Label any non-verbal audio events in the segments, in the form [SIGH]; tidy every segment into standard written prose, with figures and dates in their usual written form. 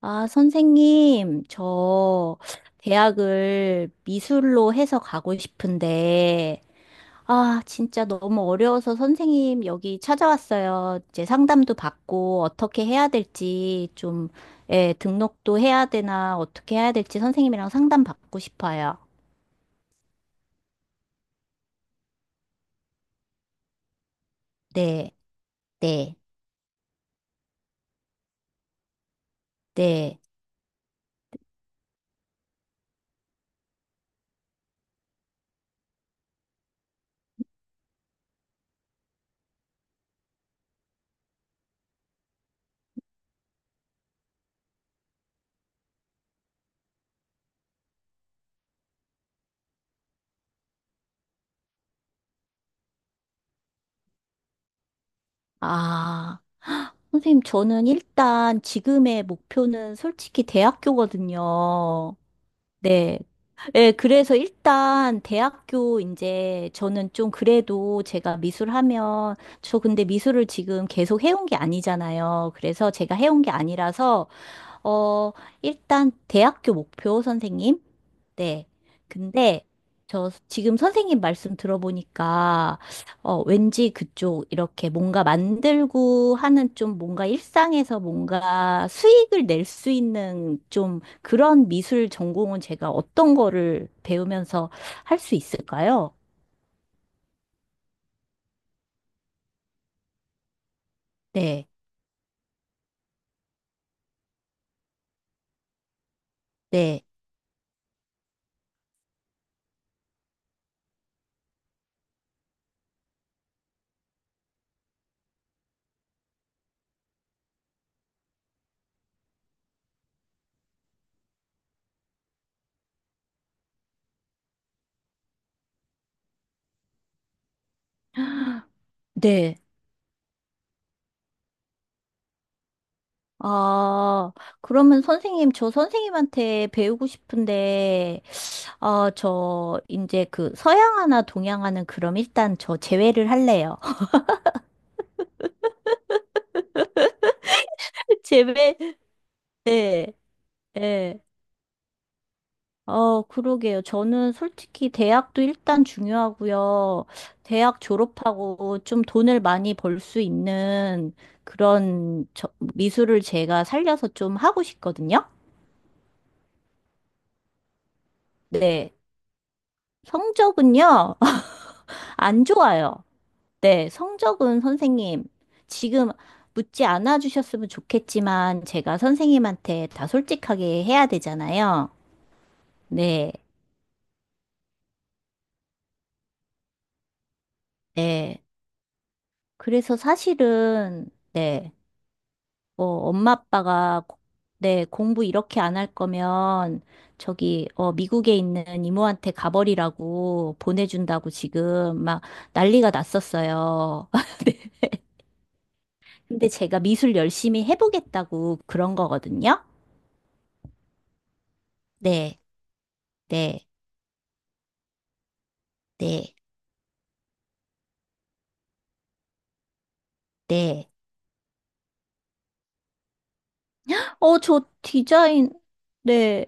아, 선생님, 저 대학을 미술로 해서 가고 싶은데, 아, 진짜 너무 어려워서 선생님 여기 찾아왔어요. 이제 상담도 받고 어떻게 해야 될지 좀, 예, 등록도 해야 되나 어떻게 해야 될지 선생님이랑 상담 받고 싶어요. 네, 네, 네. 아, 선생님, 저는 일단 지금의 목표는 솔직히 대학교거든요. 네. 예, 그래서 일단 대학교 이제 저는 좀 그래도 제가 미술하면 저 근데 미술을 지금 계속 해온 게 아니잖아요. 그래서 제가 해온 게 아니라서 어 일단 대학교 목표 선생님 네. 근데 저 지금 선생님 말씀 들어보니까 왠지 그쪽 이렇게 뭔가 만들고 하는 좀 뭔가 일상에서 뭔가 수익을 낼 수 있는 좀 그런 미술 전공은 제가 어떤 거를 배우면서 할 수 있을까요? 네. 네. 네. 아, 그러면 선생님, 저 선생님한테 배우고 싶은데 저, 이제 그, 서양 하나, 동양 하는 그럼 일단 저 제외를 할래요. [LAUGHS] 제외? 네, 네. 어, 그러게요. 저는 솔직히 대학도 일단 중요하고요. 대학 졸업하고 좀 돈을 많이 벌 수 있는 그런 저, 미술을 제가 살려서 좀 하고 싶거든요. 네. 성적은요, [LAUGHS] 안 좋아요. 네, 성적은 선생님, 지금 묻지 않아 주셨으면 좋겠지만, 제가 선생님한테 다 솔직하게 해야 되잖아요. 네, 네. 그래서 사실은, 네, 엄마 아빠가, 네, 공부 이렇게 안 할 거면, 저기, 미국에 있는 이모한테 가버리라고 보내준다고 지금 막 난리가 났었어요. [LAUGHS] 근데 제가 미술 열심히 해보겠다고 그런 거거든요. 네, 네, 네, 네. 저 디자인, 네.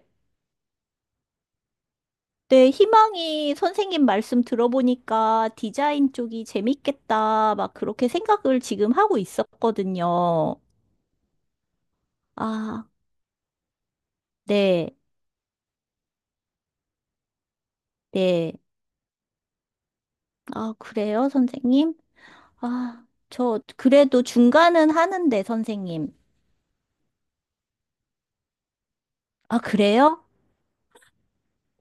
네, 희망이 선생님 말씀 들어보니까 디자인 쪽이 재밌겠다, 막 그렇게 생각을 지금 하고 있었거든요. 아, 네, 네. 아, 그래요, 선생님? 아, 저 그래도 중간은 하는데, 선생님. 아, 그래요?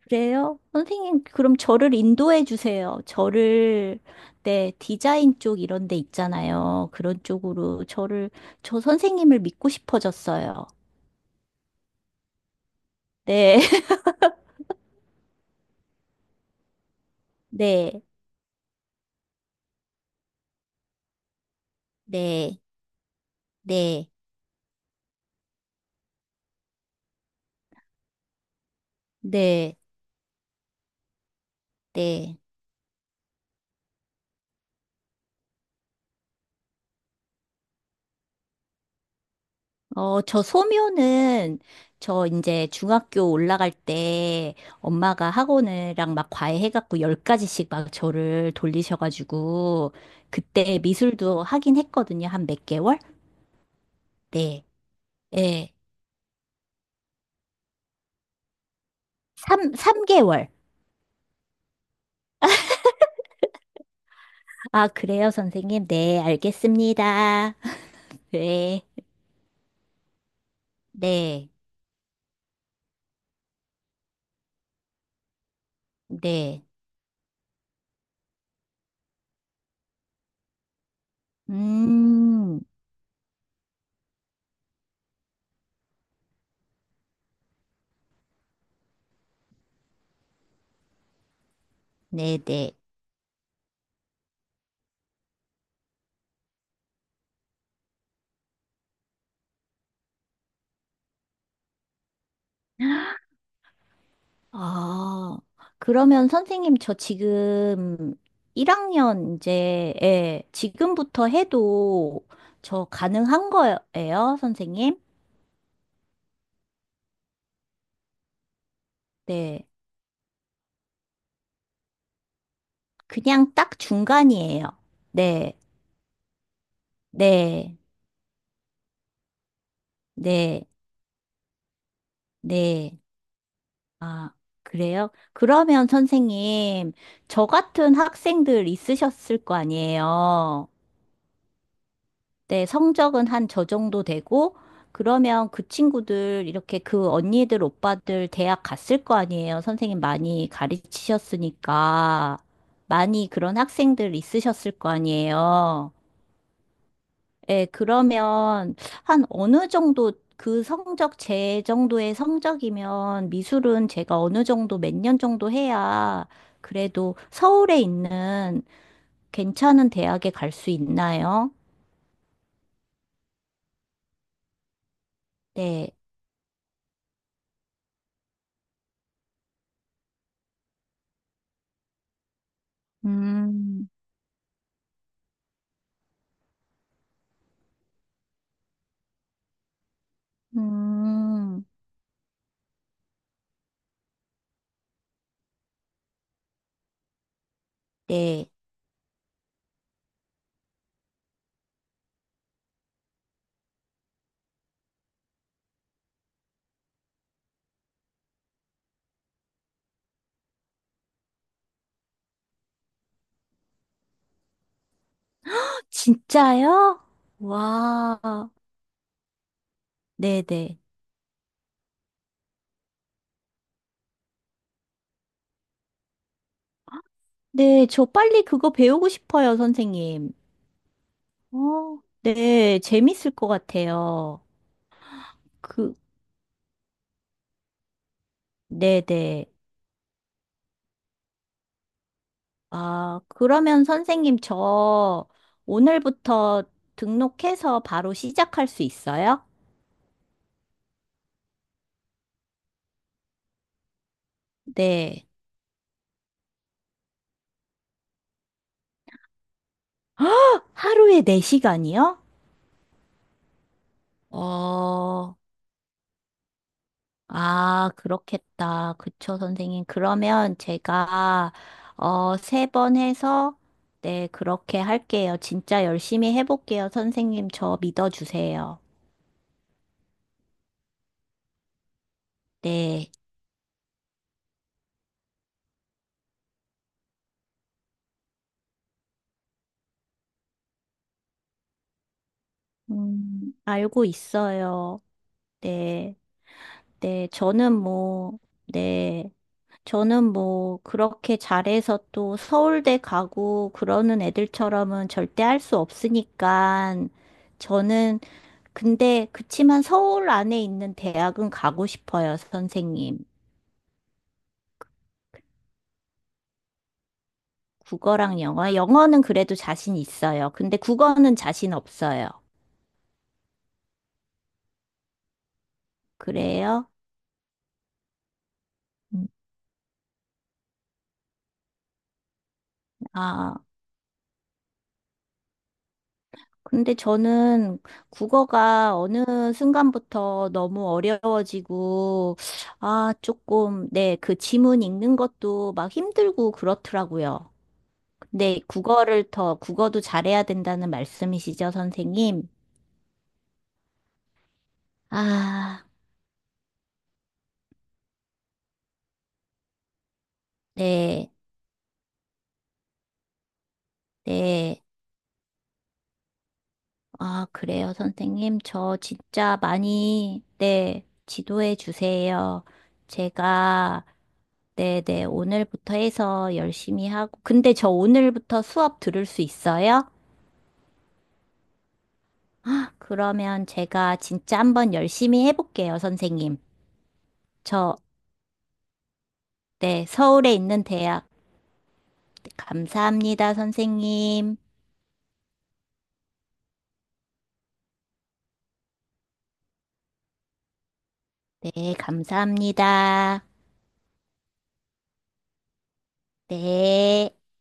그래요? 선생님, 그럼 저를 인도해 주세요. 저를, 네, 디자인 쪽 이런 데 있잖아요. 그런 쪽으로 저를, 저 선생님을 믿고 싶어졌어요. 네, [LAUGHS] 네, 네, 네, 네, 네. 저 소묘는 저 이제 중학교 올라갈 때 엄마가 학원이랑 막 과외해갖고 10가지씩 막 저를 돌리셔가지고 그때 미술도 하긴 했거든요. 한 몇 개월? 네. 예. 삼개월 아, 그래요, 선생님. 네, 알겠습니다. [LAUGHS] 네, 네, 네. 음, 네, 네. 아, 그러면 선생님, 저 지금 1학년 이제, 예, 지금부터 해도 저 가능한 거예요, 선생님? 네. 그냥 딱 중간이에요. 네, 네, 네, 네. 아, 그래요? 그러면 선생님, 저 같은 학생들 있으셨을 거 아니에요? 네, 성적은 한 저 정도 되고, 그러면 그 친구들, 이렇게 그 언니들, 오빠들 대학 갔을 거 아니에요? 선생님 많이 가르치셨으니까. 많이 그런 학생들 있으셨을 거 아니에요? 예, 그러면 한 어느 정도 그 성적 제 정도의 성적이면 미술은 제가 어느 정도 몇 년 정도 해야 그래도 서울에 있는 괜찮은 대학에 갈 수 있나요? 네. 음, 음, 네. 진짜요? 와. 네네. 네, 저 빨리 그거 배우고 싶어요, 선생님. 어, 네, 재밌을 것 같아요. 그, 네네. 아, 그러면 선생님, 저 오늘부터 등록해서 바로 시작할 수 있어요? 네. [GASPS] 하루에 4시간이요? 어, 아, 그렇겠다. 그쵸, 선생님. 그러면 제가, 3번 해서, 네, 그렇게 할게요. 진짜 열심히 해볼게요. 선생님, 저 믿어주세요. 네. 알고 있어요. 네. 네, 저는 뭐, 네. 저는 뭐 그렇게 잘해서 또 서울대 가고 그러는 애들처럼은 절대 할 수 없으니까 저는 근데 그치만 서울 안에 있는 대학은 가고 싶어요, 선생님. 국어랑 영어. 영어는 그래도 자신 있어요. 근데 국어는 자신 없어요. 그래요? 음, 아. 근데 저는 국어가 어느 순간부터 너무 어려워지고, 아, 조금, 네, 그 지문 읽는 것도 막 힘들고 그렇더라고요. 근데 국어를 더, 국어도 잘해야 된다는 말씀이시죠, 선생님? 아, 네, 네. 아, 그래요, 선생님. 저 진짜 많이, 네, 지도해 주세요. 제가, 네네, 오늘부터 해서 열심히 하고. 근데 저 오늘부터 수업 들을 수 있어요? 아, 그러면 제가 진짜 한번 열심히 해볼게요, 선생님. 저, 네, 서울에 있는 대학. 네, 감사합니다, 선생님. 네, 감사합니다. 네.